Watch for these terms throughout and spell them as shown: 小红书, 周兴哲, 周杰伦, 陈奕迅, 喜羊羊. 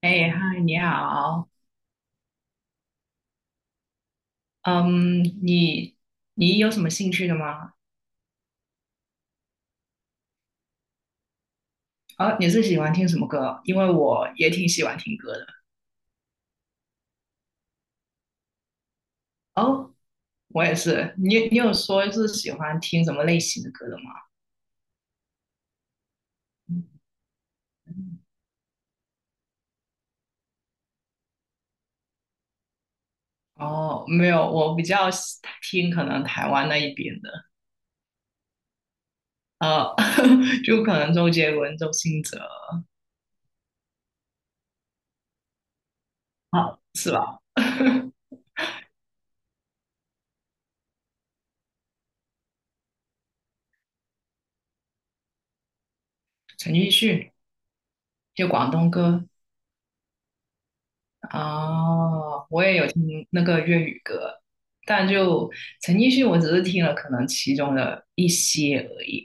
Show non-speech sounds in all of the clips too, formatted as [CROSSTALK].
哎，嗨，你好。嗯，你有什么兴趣的吗？哦，你是喜欢听什么歌？因为我也挺喜欢听歌的。哦，我也是。你有说是喜欢听什么类型的歌的吗？哦，没有，我比较喜听可能台湾那一边的，呃，[LAUGHS] 就可能周杰伦、周兴哲，啊，是吧？[LAUGHS] 陈奕迅，就广东歌。哦，我也有听那个粤语歌，但就陈奕迅，我只是听了可能其中的一些而已。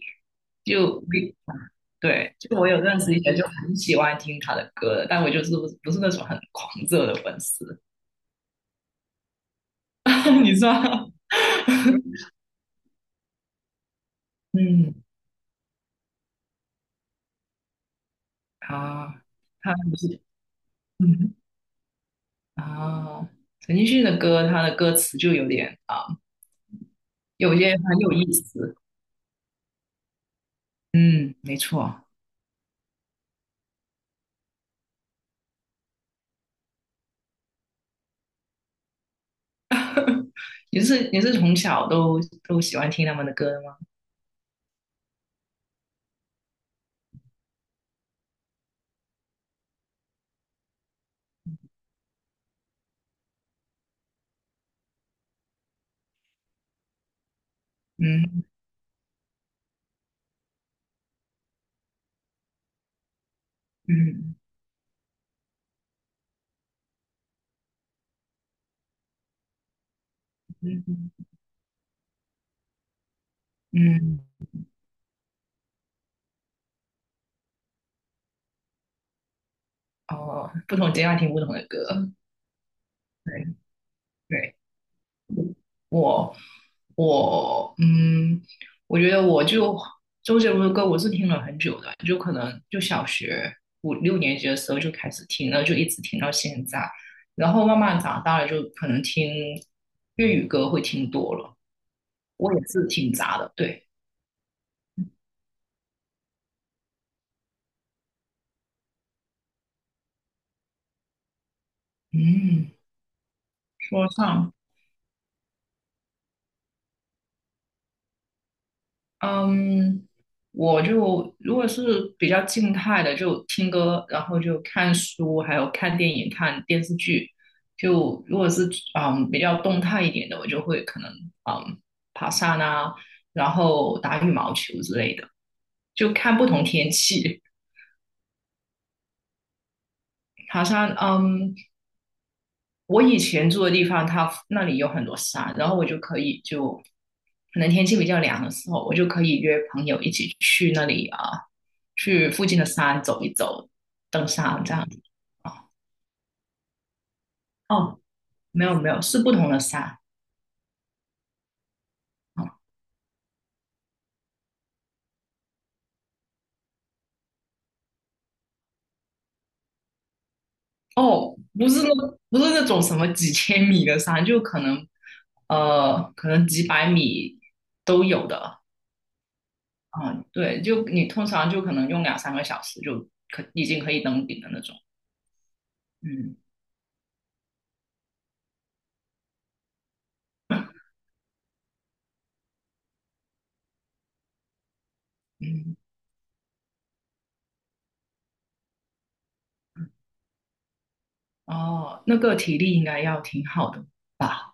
就比 [LAUGHS] 对，就我有认识一些就很喜欢听他的歌的，但我就是不是那种很狂热的粉丝。[LAUGHS] 你说？[LAUGHS] 嗯啊，他不是嗯啊，哦陈奕迅的歌，他的歌词就有点啊，有些很有意思。嗯，没错。你是从小都喜欢听他们的歌的吗？嗯嗯嗯嗯，哦，不同阶段听不同的歌，对对，我我我觉得我就周杰伦的歌我是听了很久的，就可能就小学五六年级的时候就开始听了，就一直听到现在，然后慢慢长大了就可能听粤语歌会听多了，我也是挺杂的，对，嗯，说唱。嗯，我就如果是比较静态的，就听歌，然后就看书，还有看电影、看电视剧。就如果是比较动态一点的，我就会可能嗯爬山啊，然后打羽毛球之类的，就看不同天气。爬山，我以前住的地方，它那里有很多山，然后我就可以就可能天气比较凉的时候，我就可以约朋友一起去那里啊，去附近的山走一走，登山这样子啊。哦，没有没有，是不同的山啊哦，不是那种什么几千米的山，就可能可能几百米都有的啊。对，就你通常就可能用两三个小时就可已经可以登顶的那种。嗯嗯。哦，那个体力应该要挺好的吧？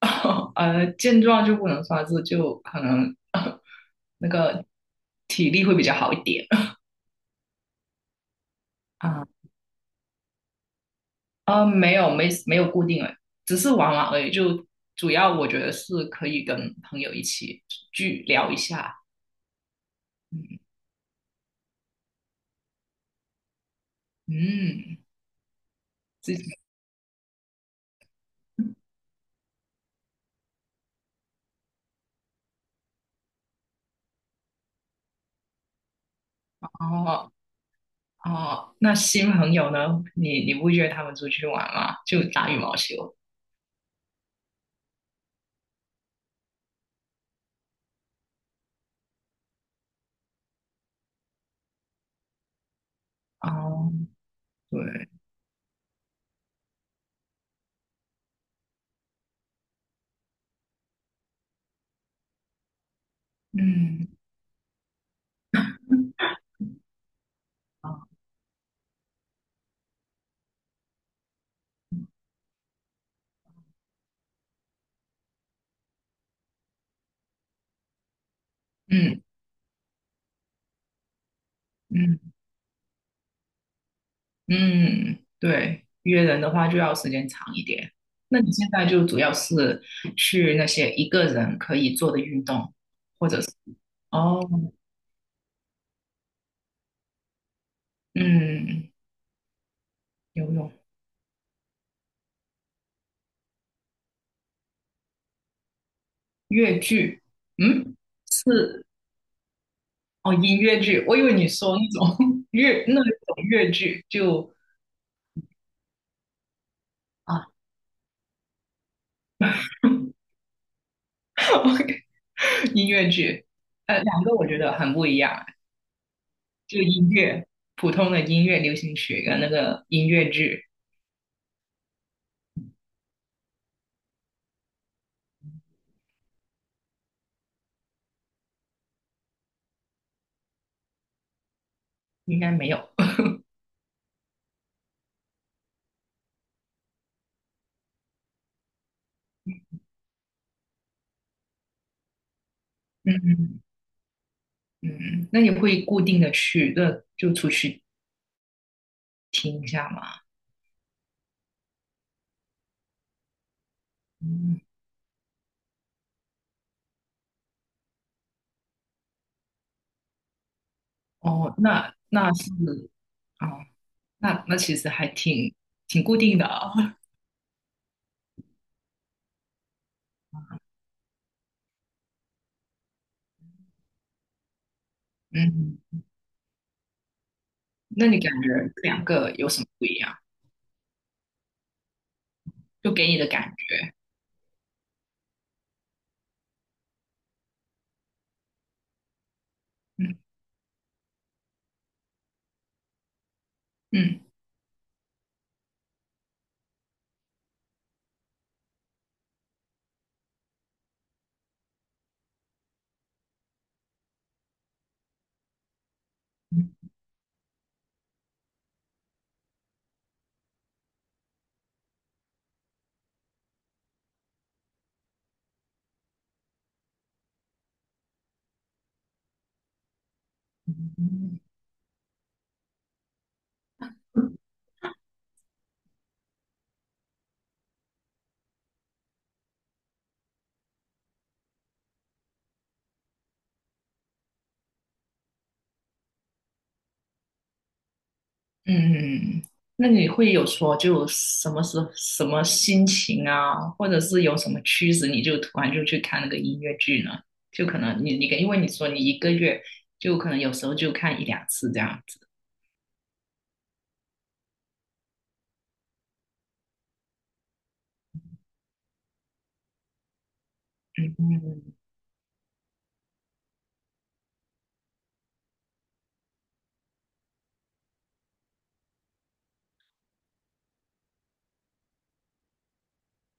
[LAUGHS] 健壮就不能算是，就可能[LAUGHS] 那个体力会比较好一点啊。[LAUGHS] 没有，没有固定的，只是玩玩而已。就主要我觉得是可以跟朋友一起去聊一下。嗯嗯，自己哦哦，那新朋友呢？你不约他们出去玩吗？就打羽毛球。哦，对，嗯嗯嗯。嗯，对，约人的话就要时间长一点。那你现在就主要是去那些一个人可以做的运动，或者是哦，嗯，游泳、越剧，嗯，是哦，音乐剧。我以为你说那种 [LAUGHS] 乐那种越剧，就啊 [LAUGHS]，OK，音乐剧，两个我觉得很不一样，就音乐，普通的音乐流行曲跟那个音乐剧应该没有。[LAUGHS] 嗯。嗯，那你会固定的去，那就出去听一下嘛。嗯，哦，那是，哦，那其实还挺固定的啊。[LAUGHS] 嗯，那你感觉这两个有什么不一样？就给你的感觉，嗯嗯。嗯，那你会有说就什么时候什么心情啊，或者是有什么趋势，你就突然就去看那个音乐剧呢？就可能你因为你说你一个月就可能有时候就看一两次这样子。嗯，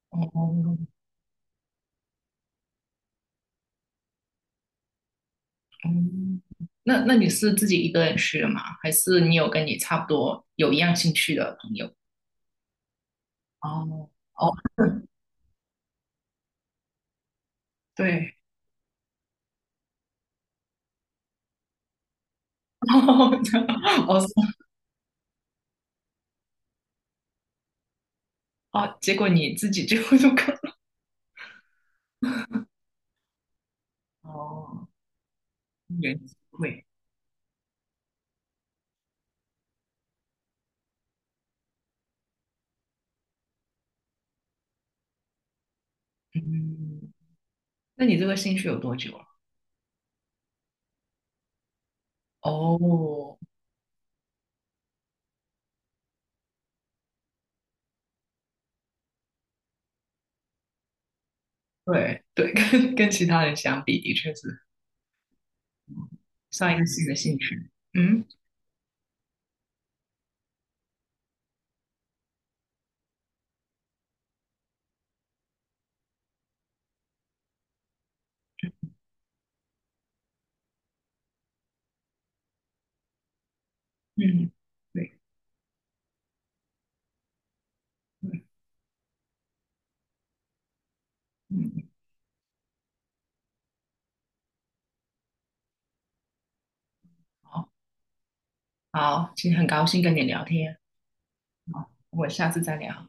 哦，嗯，那你是自己一个人去的吗？还是你有跟你差不多有一样兴趣的朋友？哦哦，对，[LAUGHS] 哦这样哦是哦，结果你自己就看 [LAUGHS] 哦，原来是会，嗯。那你这个兴趣有多久了？哦，对对，跟其他人相比，的确是上一个新的兴趣。嗯嗯，对对嗯，嗯好好，今天很高兴跟你聊天，好，我下次再聊。